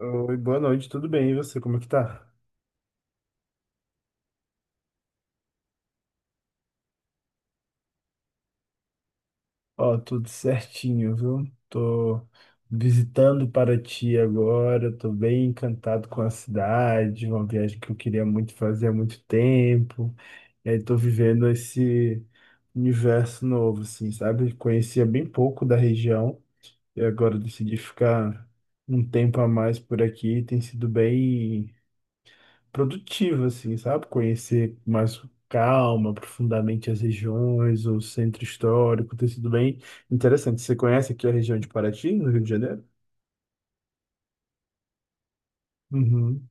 Oi, boa noite, tudo bem? E você, como é que tá? Ó, tudo certinho, viu? Tô visitando Paraty agora, tô bem encantado com a cidade, uma viagem que eu queria muito fazer há muito tempo. E aí tô vivendo esse universo novo, assim, sabe? Conhecia bem pouco da região e agora decidi ficar um tempo a mais por aqui. Tem sido bem produtivo, assim, sabe? Conhecer mais com calma, profundamente as regiões, o centro histórico, ter sido bem interessante. Você conhece aqui a região de Paraty, no Rio de Janeiro? Uhum,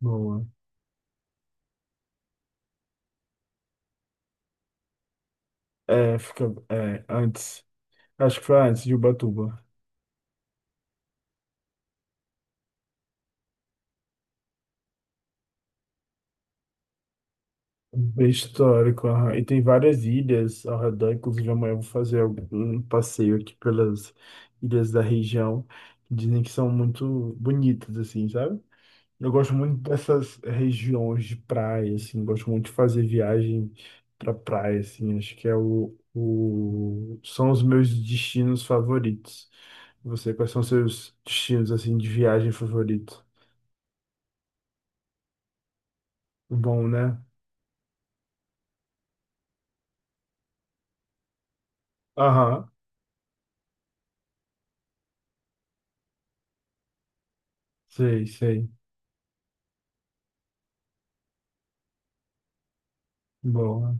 boa. É, fica, é, antes, acho que foi antes de Ubatuba. Bem histórico, aham. E tem várias ilhas ao redor, inclusive amanhã eu vou fazer um passeio aqui pelas ilhas da região, que dizem que são muito bonitas, assim, sabe? Eu gosto muito dessas regiões de praia, assim, gosto muito de fazer viagem para praia, assim, acho que são os meus destinos favoritos. Você, quais são os seus destinos, assim, de viagem favorito? Bom, né? Aham, sei, sei. Bom, né?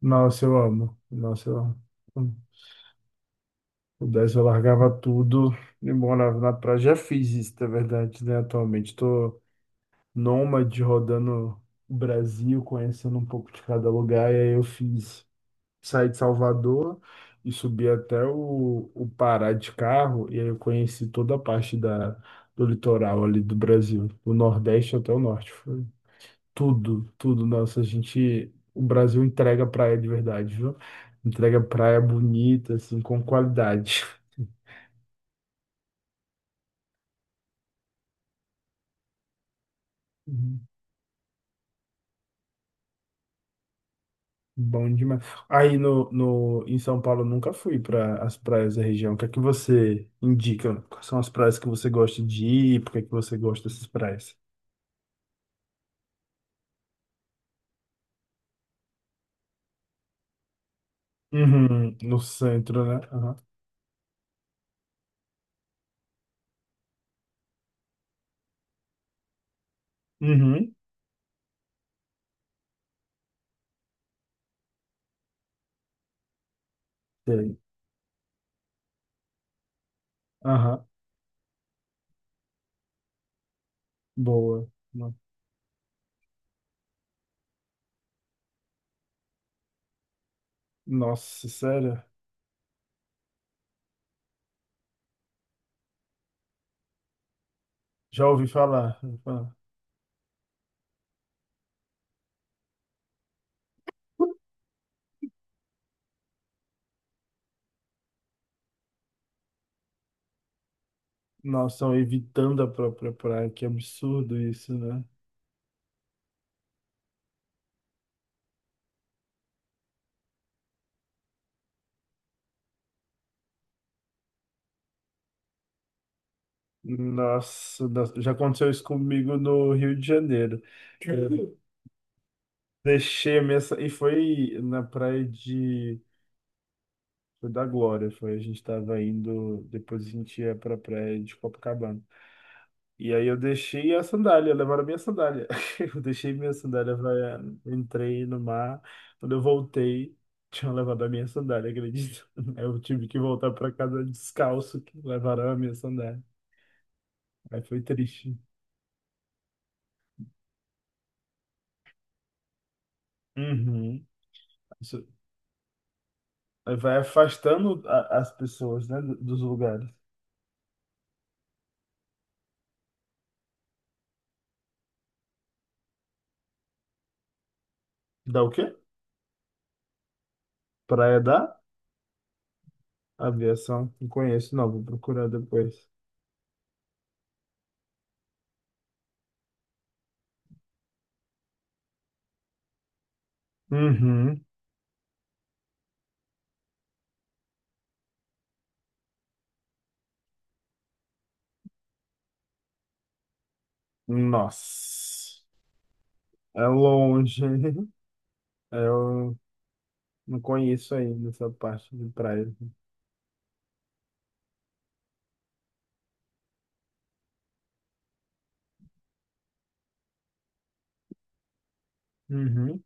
Nossa, eu amo, nossa, eu amo. Se pudesse, eu largava tudo e morava na praia. Já fiz isso, na verdade, né, atualmente, tô, nômade rodando o Brasil, conhecendo um pouco de cada lugar. E aí eu fiz, saí de Salvador e subi até o Pará de carro. E aí eu conheci toda a parte do litoral ali do Brasil, do Nordeste até o Norte. Foi tudo, tudo. Nossa, a gente, o Brasil entrega praia de verdade, viu? Entrega praia bonita, assim, com qualidade. Bom demais. Aí no, no, em São Paulo eu nunca fui para as praias da região. O que é que você indica? Quais são as praias que você gosta de ir? Por que é que você gosta dessas praias? Uhum, no centro, né? Aham. Uhum. Sei. Aham. Boa. No- Nossa, sério? Já ouvi falar. Já ouvi falar. Nossa, estão evitando a própria praia. Que absurdo isso, né? Nossa, nossa, já aconteceu isso comigo no Rio de Janeiro. Deixei a minha. E foi na praia de. Foi da Glória, foi. A gente tava indo. Depois a gente ia pra praia de Copacabana. E aí eu deixei a sandália, levaram a minha sandália. Eu deixei minha sandália, havaiana, entrei no mar. Quando eu voltei, tinham levado a minha sandália, acredito. Eu tive que voltar pra casa descalço, que levaram a minha sandália. Aí foi triste. Uhum. Isso vai afastando as pessoas, né, dos lugares. Dá o quê? Praia da? Aviação, não conheço, não. Vou procurar depois. Uhum. Nossa. É longe. hein? Eu não conheço ainda essa parte de praia. Uhum.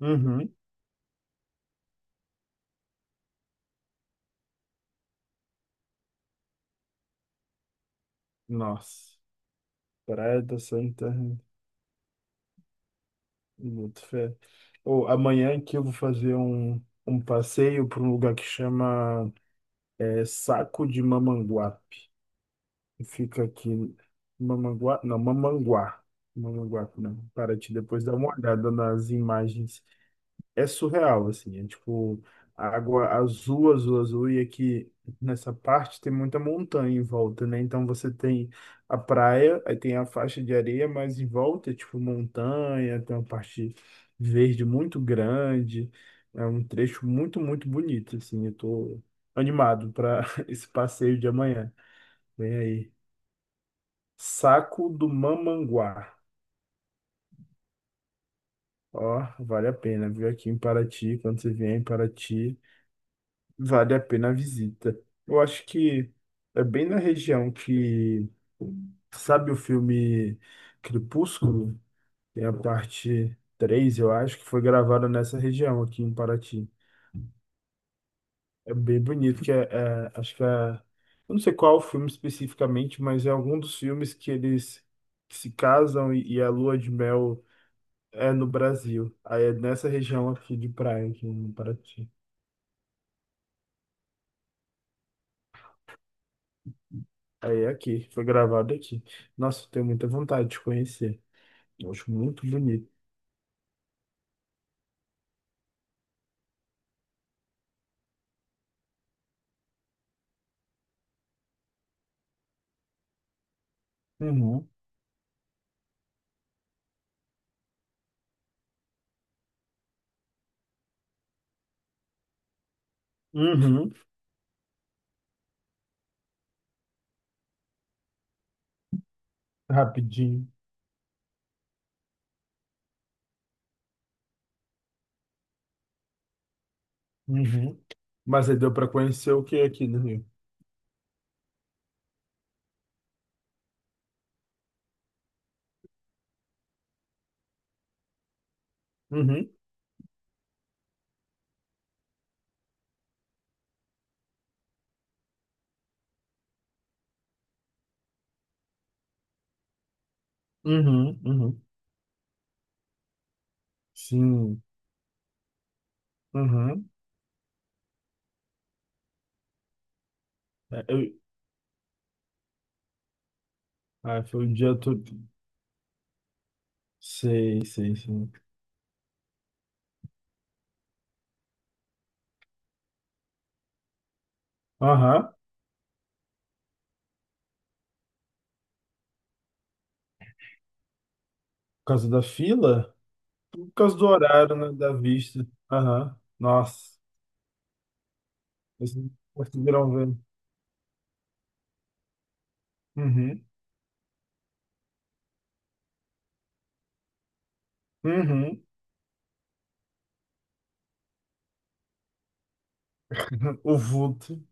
Uhum. Nossa. Praia da Santa. Muito fé. Ou amanhã aqui eu vou fazer um, um passeio para um lugar que chama é, Saco de Mamanguape. Que fica aqui. Mamanguá? Não, Mamanguá. Mamanguape, não. Paraty, depois dá uma olhada nas imagens. É surreal, assim, é tipo água azul, azul, azul, e aqui nessa parte tem muita montanha em volta, né? Então você tem a praia, aí tem a faixa de areia, mas em volta é tipo montanha, tem uma parte verde muito grande, é um trecho muito, muito bonito, assim, eu tô animado para esse passeio de amanhã. Vem aí. Saco do Mamanguá. Ó, vale a pena, viu? Aqui em Paraty, quando você vier em Paraty. Vale a pena a visita. Eu acho que é bem na região que, sabe o filme Crepúsculo? Tem a parte 3 eu acho, que foi gravada nessa região aqui em Paraty. É bem bonito, que acho que é, eu não sei qual o filme especificamente, mas é algum dos filmes que eles se casam e a lua de mel é no Brasil. Aí é nessa região aqui de praia, aqui em Paraty. Aí é aqui, foi gravado aqui. Nossa, eu tenho muita vontade de conhecer. Eu acho muito bonito. Uhum, uhum, rapidinho. Uhum. Mas aí deu para conhecer o que aqui no Rio? Uhum, uhum, uhum. Sim, uhum. É, eu- Ah, foi um dia todo. Sei, sei, sim. Aham, por causa da fila? Por causa do horário, né, da vista. Aham, nossa, vocês não conseguiram ver. Uhum, uhum, o vulto.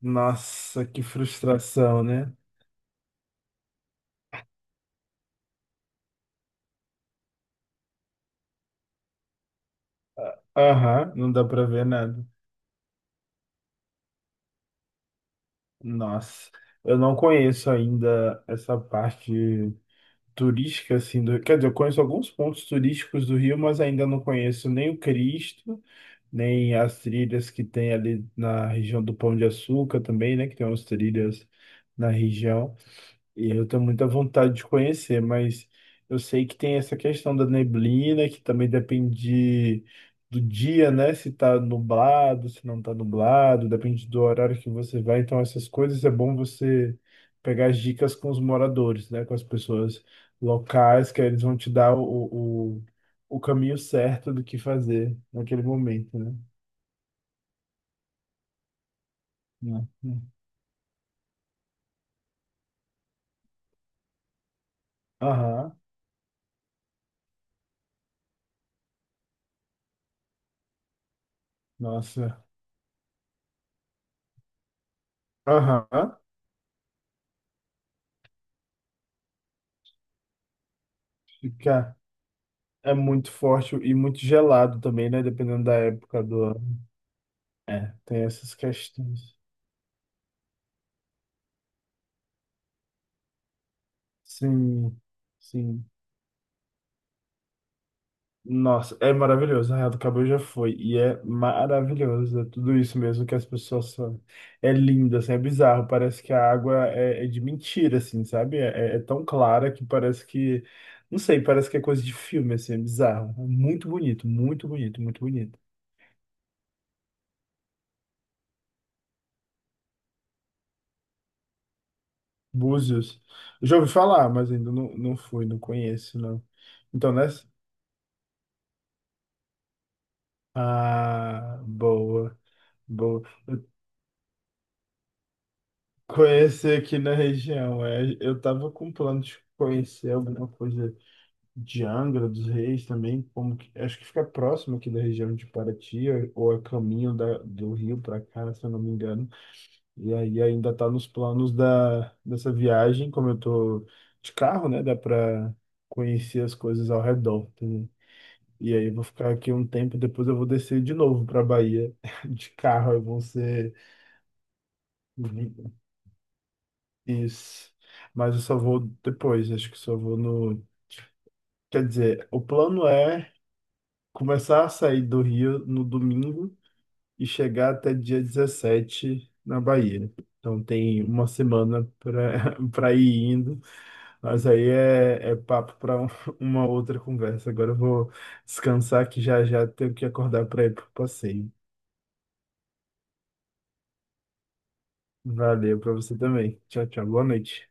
Nossa, que frustração, né? Aham, não dá pra ver nada. Nossa, eu não conheço ainda essa parte turística, assim, do, quer dizer, eu conheço alguns pontos turísticos do Rio, mas ainda não conheço nem o Cristo, nem as trilhas que tem ali na região do Pão de Açúcar também, né? Que tem umas trilhas na região. E eu tenho muita vontade de conhecer, mas eu sei que tem essa questão da neblina, que também depende do dia, né? Se tá nublado, se não tá nublado, depende do horário que você vai. Então, essas coisas é bom você pegar as dicas com os moradores, né? Com as pessoas locais, que aí eles vão te dar o caminho certo do que fazer naquele momento, né? Né? Aham, nossa. Aham, fica. É muito forte e muito gelado também, né? Dependendo da época do ano. É, tem essas questões. Sim, sim. Nossa, é maravilhoso. Arraial do Cabo já foi. E é maravilhoso. É tudo isso mesmo que as pessoas falam. É lindo, assim, é bizarro. Parece que a água é de mentira, assim, sabe? É tão clara que parece que. Não sei, parece que é coisa de filme, assim, é bizarro. É muito bonito, muito bonito, muito bonito. Búzios. Eu já ouvi falar, mas ainda não, não fui, não conheço, não. Então, nessa. Ah, boa, boa. Eu conheci aqui na região. É, eu tava com plano de conhecer alguma coisa de Angra dos Reis também, como que, acho que fica próximo aqui da região de Paraty, ou é caminho do Rio para cá, se eu não me engano. E aí ainda tá nos planos dessa viagem, como eu tô de carro, né? Dá para conhecer as coisas ao redor. Tá? E aí eu vou ficar aqui um tempo, depois eu vou descer de novo para Bahia de carro, aí vão ser isso. Mas eu só vou depois, acho que só vou no, quer dizer, o plano é começar a sair do Rio no domingo e chegar até dia 17 na Bahia. Então tem uma semana para para ir indo, mas aí é papo para uma outra conversa. Agora eu vou descansar que já já tenho que acordar para ir pro passeio. Valeu pra você também. Tchau, tchau. Boa noite.